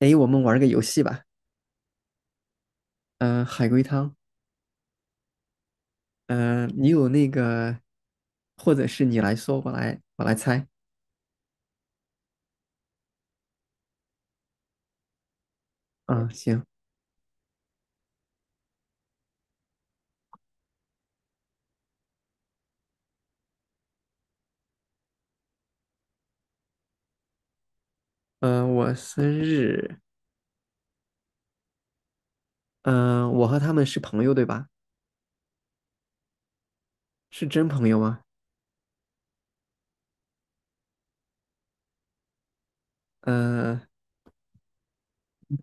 哎，我们玩个游戏吧。嗯、海龟汤。嗯、你有那个，或者是你来说，我来猜。嗯，行。嗯、我生日。嗯、我和他们是朋友，对吧？是真朋友吗？嗯、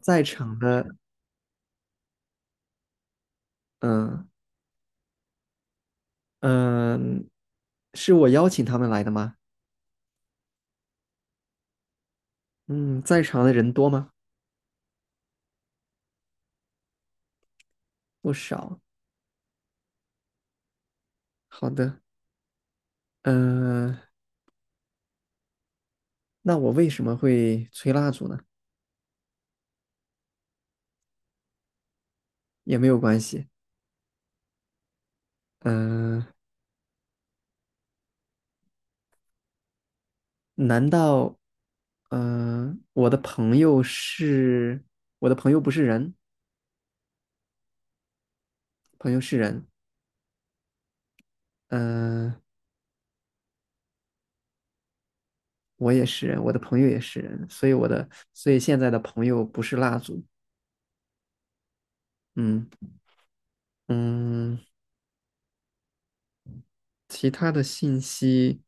在场的，嗯、嗯、是我邀请他们来的吗？嗯，在场的人多吗？不少。好的。嗯、那我为什么会吹蜡烛呢？也没有关系。嗯、难道，嗯、我的朋友是我的朋友不是人，朋友是人。嗯、我也是人，我的朋友也是人，所以我的，所以现在的朋友不是蜡烛。嗯嗯，其他的信息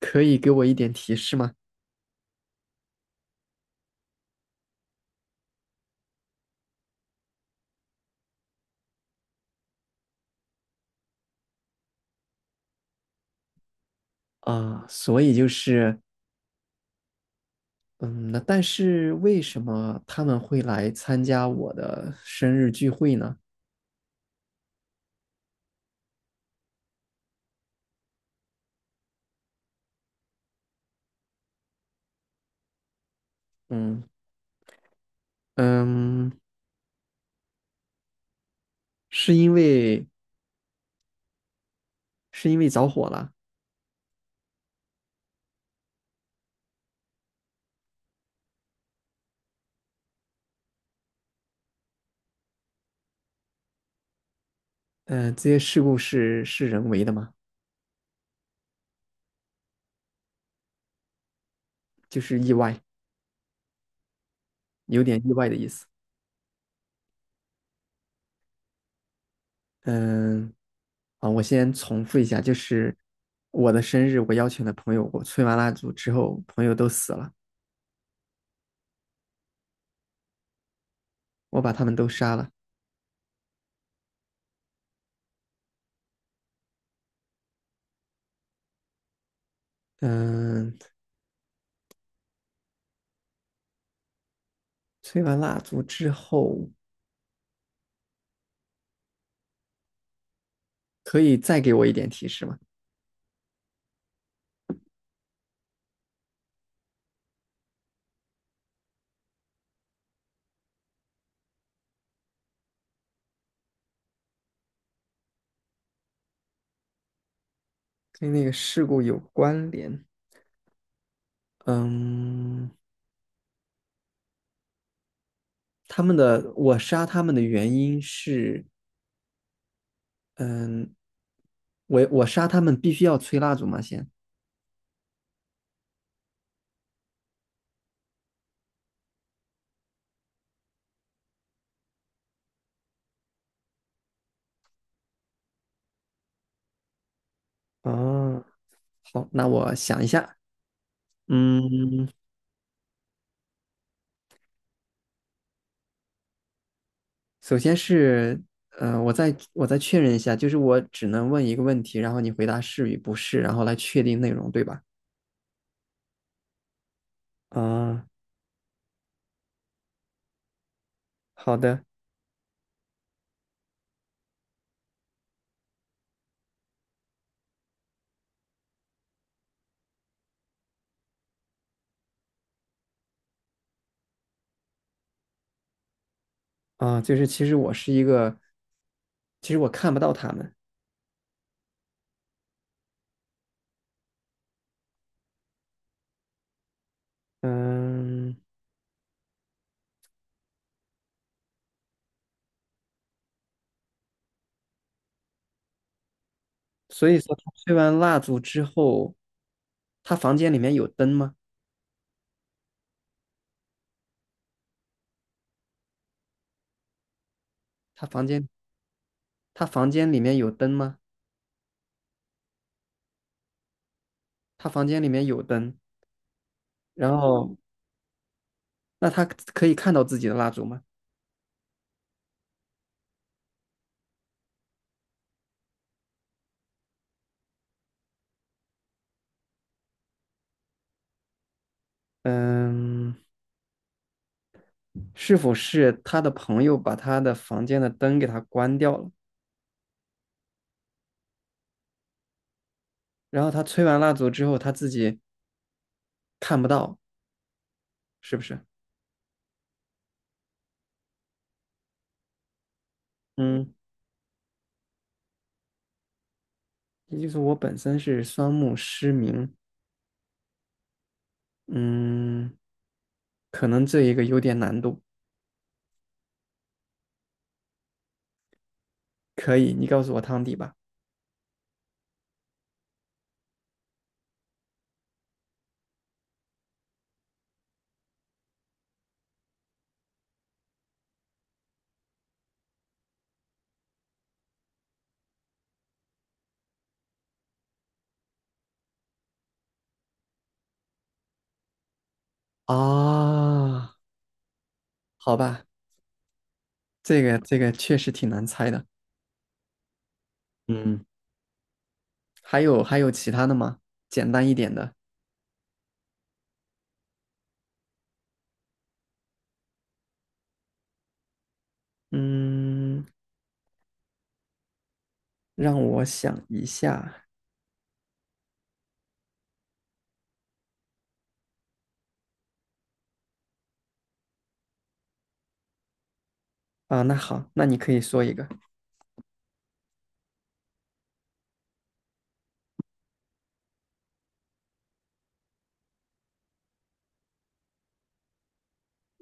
可以给我一点提示吗？啊，所以就是，嗯，那但是为什么他们会来参加我的生日聚会呢？嗯嗯，是因为是因为着火了。嗯，这些事故是人为的吗？就是意外，有点意外的意思。嗯，啊，我先重复一下，就是我的生日，我邀请的朋友，我吹完蜡烛之后，朋友都死了，我把他们都杀了。嗯，吹完蜡烛之后，可以再给我一点提示吗？跟那个事故有关联。嗯，他们的，我杀他们的原因是，嗯，我杀他们必须要吹蜡烛吗？先。哦，好，那我想一下。嗯，首先是，嗯，我再确认一下，就是我只能问一个问题，然后你回答是与不是，然后来确定内容，对吧？啊，好的。啊，就是其实我是一个，其实我看不到他们。嗯，所以说他吹完蜡烛之后，他房间里面有灯吗？他房间他房间里面有灯吗？他房间里面有灯。然后那他可以看到自己的蜡烛吗？嗯。是否是他的朋友把他的房间的灯给他关掉了，然后他吹完蜡烛之后他自己看不到，是不是？嗯，也就是我本身是双目失明。嗯，可能这一个有点难度。可以，你告诉我汤底吧。啊，好吧，这个确实挺难猜的。嗯，还有其他的吗？简单一点的。嗯，让我想一下啊。那好，那你可以说一个。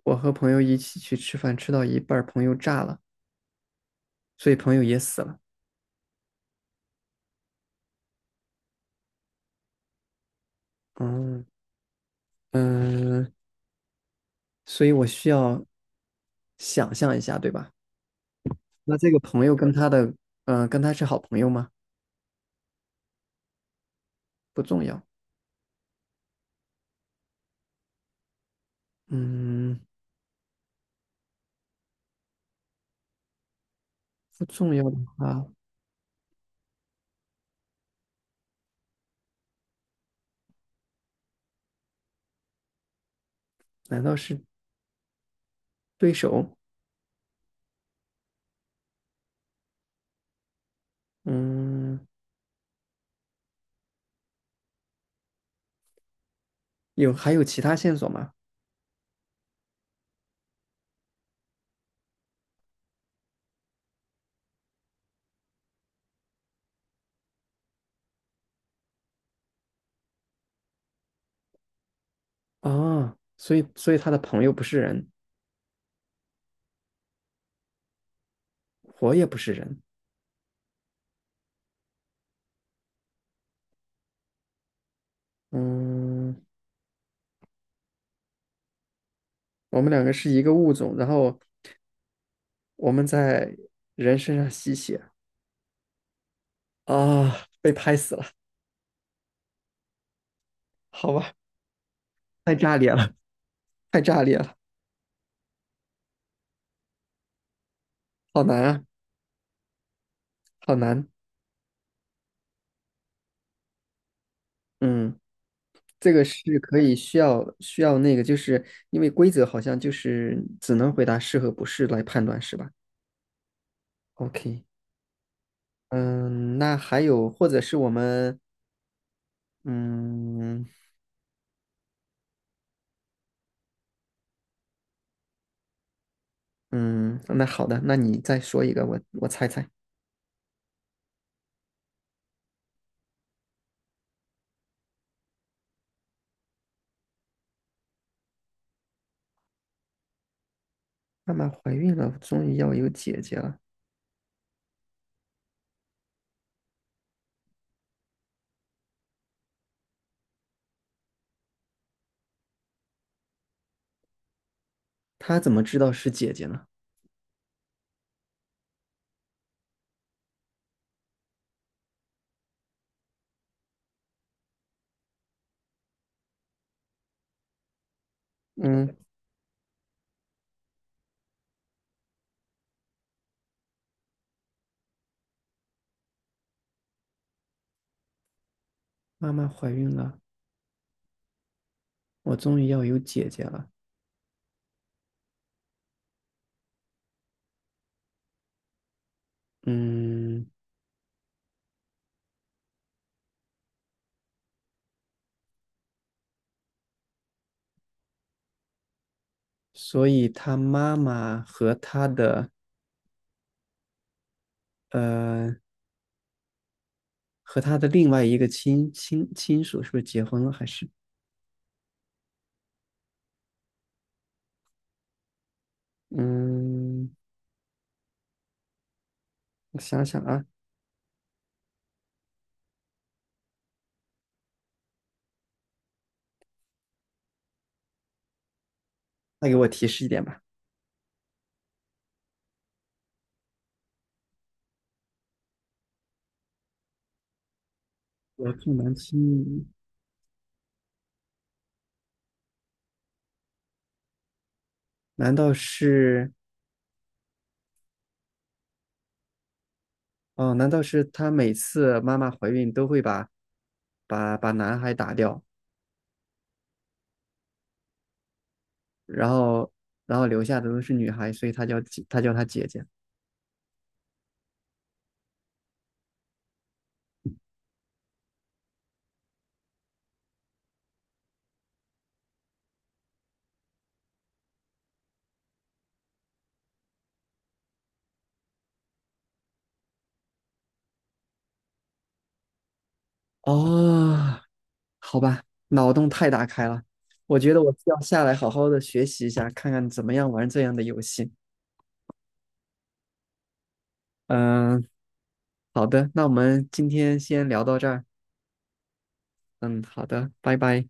我和朋友一起去吃饭，吃到一半儿，朋友炸了，所以朋友也死了。嗯嗯、呃所以我需要想象一下，对吧？那这个朋友跟他的，嗯，跟他是好朋友吗？不重要。嗯，不重要的话，难道是对手？嗯，有还有其他线索吗？啊，所以他的朋友不是人，我也不是人。嗯，我们两个是一个物种，然后我们在人身上吸血。啊，被拍死了，好吧，太炸裂了，太炸裂了，好难啊，好难。嗯，这个是可以需要那个，就是因为规则好像就是只能回答是和不是来判断，是吧？OK，嗯，那还有或者是我们，嗯嗯，那好的，那你再说一个，我我猜猜，妈妈怀孕了，终于要有姐姐了，她怎么知道是姐姐呢？嗯，妈妈怀孕了，我终于要有姐姐了。嗯，所以他妈妈和他的呃和他的另外一个亲属是不是结婚了？还是嗯，我想想啊，再给我提示一点吧。我重男轻女，难道是哦？难道是他每次妈妈怀孕都会把把男孩打掉，然后然后留下的都是女孩，所以他叫姐她叫他姐姐哦。好吧，脑洞太大开了，我觉得我需要下来好好的学习一下，看看怎么样玩这样的游戏。嗯，好的，那我们今天先聊到这儿。嗯，好的，拜拜。